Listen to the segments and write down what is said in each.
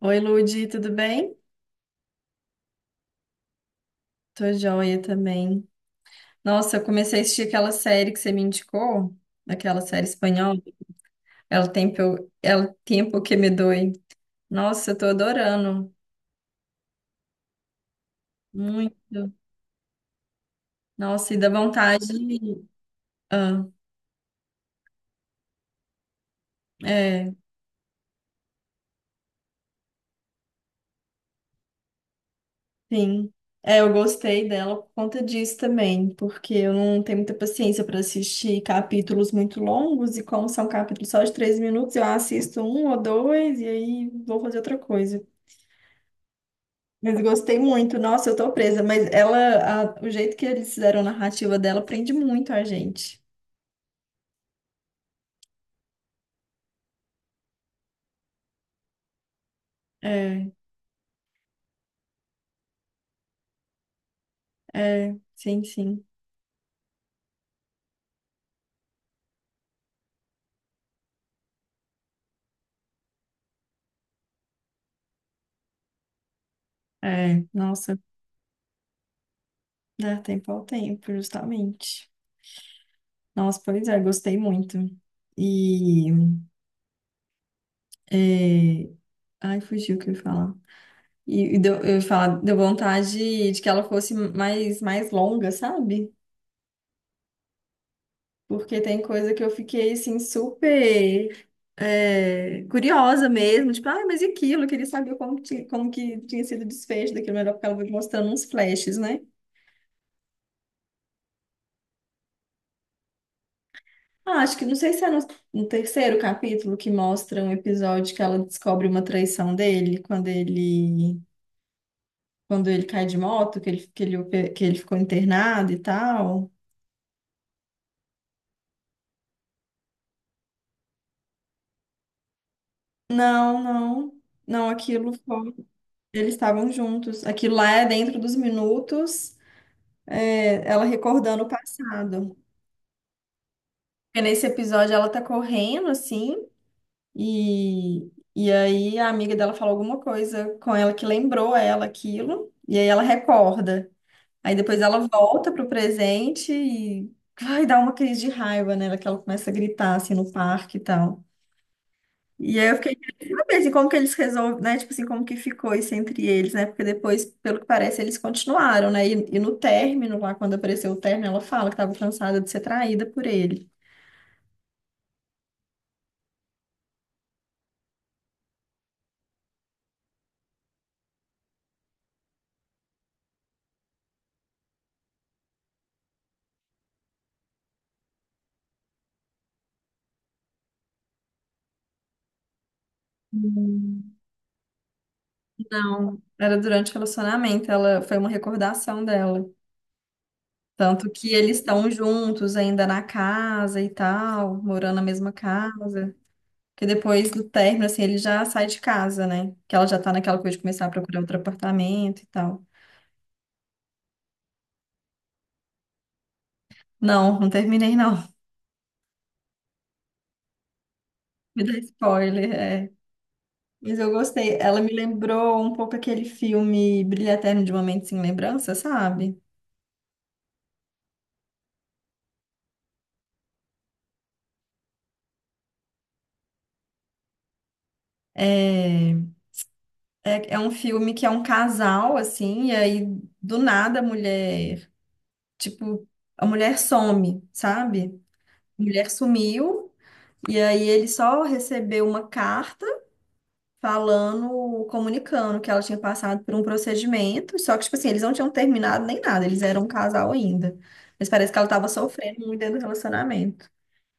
Oi, Ludi, tudo bem? Tô joia também. Nossa, eu comecei a assistir aquela série que você me indicou, aquela série espanhola, El Tempo, El Tempo que me doi. Nossa, eu tô adorando, muito. Nossa, e dá vontade. Ah, é, sim. É, eu gostei dela por conta disso também, porque eu não tenho muita paciência para assistir capítulos muito longos, e como são capítulos só de 3 minutos, eu assisto um ou dois e aí vou fazer outra coisa. Mas gostei muito. Nossa, eu tô presa. Mas ela, o jeito que eles fizeram a narrativa dela prende muito a gente. É, é, sim, sim. É, nossa, dá tempo ao tempo, justamente. Nossa, pois é, gostei muito. E, é, ai, fugiu o que eu ia falar. E deu, eu ia falar, deu vontade de, que ela fosse mais longa, sabe? Porque tem coisa que eu fiquei, assim, super curiosa mesmo. Tipo, ah, mas e aquilo? Eu queria saber como que tinha sido o desfecho daquilo. Melhor porque ela vai mostrando uns flashes, né? Ah, acho que não sei se é no terceiro capítulo que mostra um episódio que ela descobre uma traição dele quando ele cai de moto, que ele ficou internado e tal. Não, não. Não, aquilo foi. Eles estavam juntos. Aquilo lá é dentro dos minutos. Ela recordando o passado. Porque nesse episódio ela tá correndo assim e aí a amiga dela falou alguma coisa com ela que lembrou ela aquilo e aí ela recorda. Aí depois ela volta pro presente e vai dar uma crise de raiva nela que ela começa a gritar assim no parque e tal. E aí eu fiquei querendo saber assim, como que eles resolvem, né? Tipo assim, como que ficou isso entre eles, né? Porque depois, pelo que parece, eles continuaram, né? E no término, lá quando apareceu o término, ela fala que estava cansada de ser traída por ele. Hum, Era durante o relacionamento, ela foi uma recordação dela. Tanto que eles estão juntos ainda na casa e tal, morando na mesma casa. Porque depois do término, assim, ele já sai de casa, né? Que ela já tá naquela coisa de começar a procurar outro apartamento e tal. Não, não terminei, não. Me dá spoiler, é. Mas eu gostei. Ela me lembrou um pouco aquele filme Brilho Eterno de uma Mente Sem Lembrança, sabe? É, é um filme que é um casal, assim, e aí do nada tipo, a mulher, some, sabe? A mulher sumiu, e aí ele só recebeu uma carta, falando, comunicando que ela tinha passado por um procedimento, só que, tipo assim, eles não tinham terminado nem nada, eles eram um casal ainda. Mas parece que ela estava sofrendo muito dentro do relacionamento.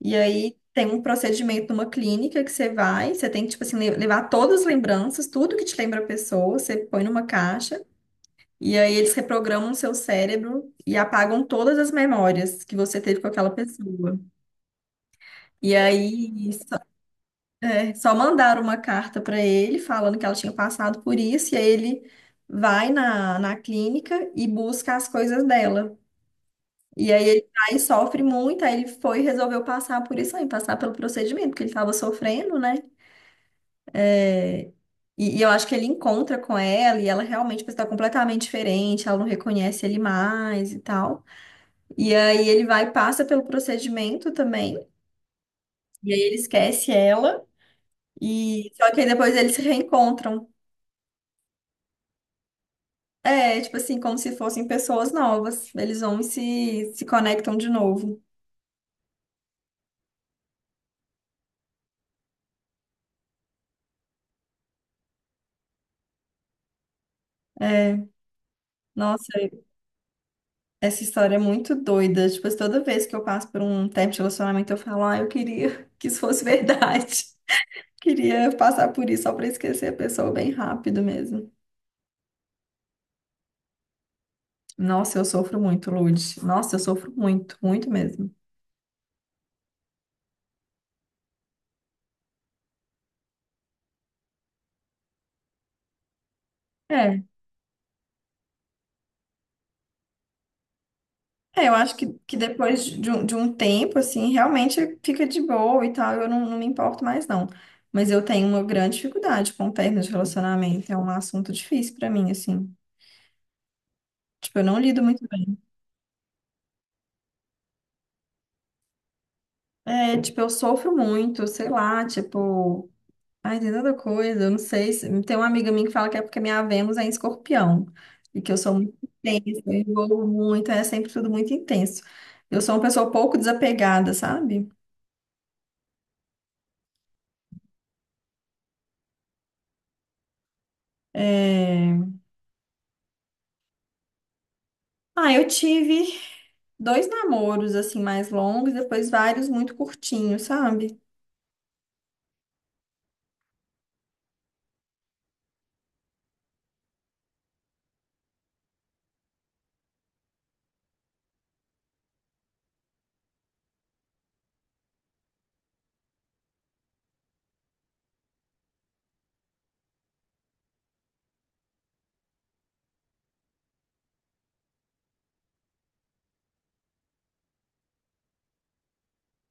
E aí tem um procedimento numa clínica que você vai, você tem que, tipo assim, levar todas as lembranças, tudo que te lembra a pessoa, você põe numa caixa, e aí eles reprogramam o seu cérebro e apagam todas as memórias que você teve com aquela pessoa. E aí, só mandaram uma carta para ele falando que ela tinha passado por isso, e aí ele vai na clínica e busca as coisas dela. E aí ele vai e sofre muito, aí ele foi e resolveu passar por isso aí, passar pelo procedimento, porque ele estava sofrendo, né? E eu acho que ele encontra com ela e ela realmente está completamente diferente, ela não reconhece ele mais e tal. E aí ele vai e passa pelo procedimento também, e aí ele esquece ela, e só que aí depois eles se reencontram. É, tipo assim, como se fossem pessoas novas. Eles vão e se conectam de novo. É, nossa, essa história é muito doida. Tipo, toda vez que eu passo por um tempo de relacionamento, eu falo, ah, eu queria que isso fosse verdade. Queria passar por isso só pra esquecer a pessoa bem rápido mesmo. Nossa, eu sofro muito, Lud. Nossa, eu sofro muito, muito mesmo. É. É, eu acho que depois de um, tempo, assim, realmente fica de boa e tal, eu não me importo mais, não. Mas eu tenho uma grande dificuldade com término de relacionamento, é um assunto difícil pra mim, assim. Tipo, eu não lido muito bem. É, tipo, eu sofro muito, sei lá, tipo, ai, tem tanta coisa, eu não sei se... Tem uma amiga minha que fala que é porque minha Vênus é em escorpião, e que eu sou muito intensa, eu envolvo muito, é sempre tudo muito intenso. Eu sou uma pessoa pouco desapegada, sabe? É. Ah, eu tive dois namoros, assim, mais longos, depois vários muito curtinhos, sabe?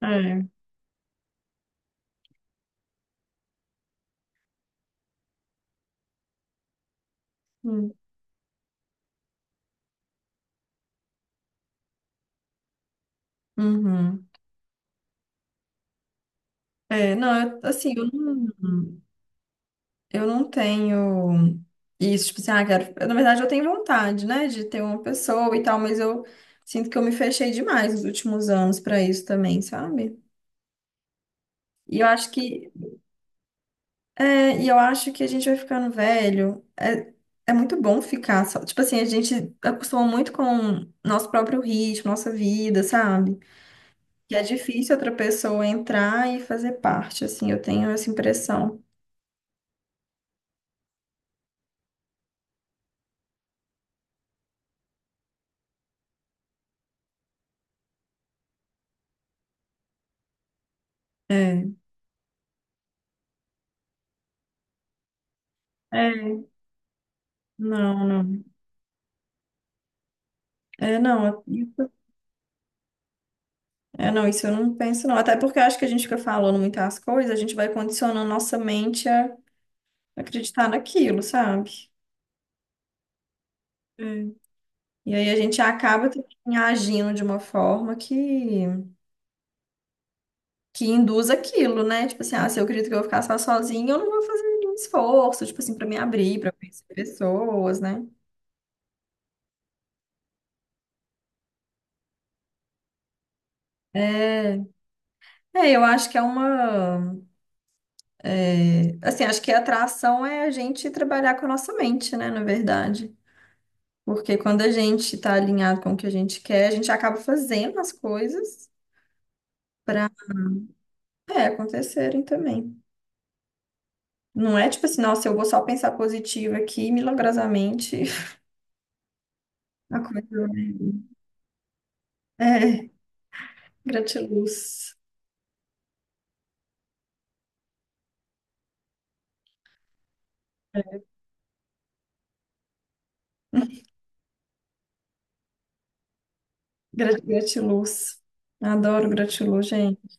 É. Hum. Uhum. É, não, eu, assim, eu não tenho isso, tipo assim, ah, quero. Na verdade, eu tenho vontade, né, de ter uma pessoa e tal, mas eu sinto que eu me fechei demais nos últimos anos pra isso também, sabe? E eu acho que, é, e eu acho que a gente vai ficando velho, é muito bom ficar só, tipo assim, a gente acostuma muito com nosso próprio ritmo, nossa vida, sabe? Que é difícil outra pessoa entrar e fazer parte, assim, eu tenho essa impressão. É. É, não, não. É, não, isso, é, não, isso, eu não penso, não. Até porque eu acho que a gente fica falando muitas coisas, a gente vai condicionando nossa mente a acreditar naquilo, sabe? É. E aí a gente acaba também agindo de uma forma que induz aquilo, né? Tipo assim, ah, se eu acredito que eu vou ficar só sozinha, eu não vou fazer nenhum esforço, tipo assim, pra me abrir, pra conhecer pessoas, né? É, é, eu acho que é uma. Assim, acho que a atração é a gente trabalhar com a nossa mente, né, na verdade. Porque quando a gente tá alinhado com o que a gente quer, a gente acaba fazendo as coisas para, acontecerem também. Não é tipo assim, nossa, eu vou só pensar positivo aqui, e milagrosamente a coisa vai. É, gratiluz. Gratiluz. Adoro gratiluz, gente.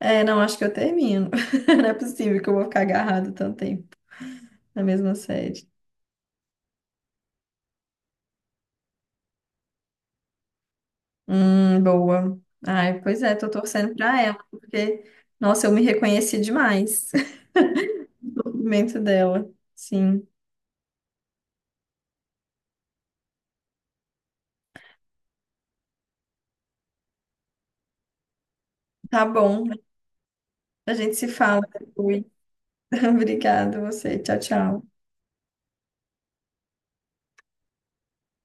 É, não, acho que eu termino. Não é possível que eu vou ficar agarrado tanto tempo na mesma série. Boa. Ai, pois é, tô torcendo pra ela, porque, nossa, eu me reconheci demais no movimento dela. Sim. Tá bom. A gente se fala depois. Obrigada, você. Tchau, tchau.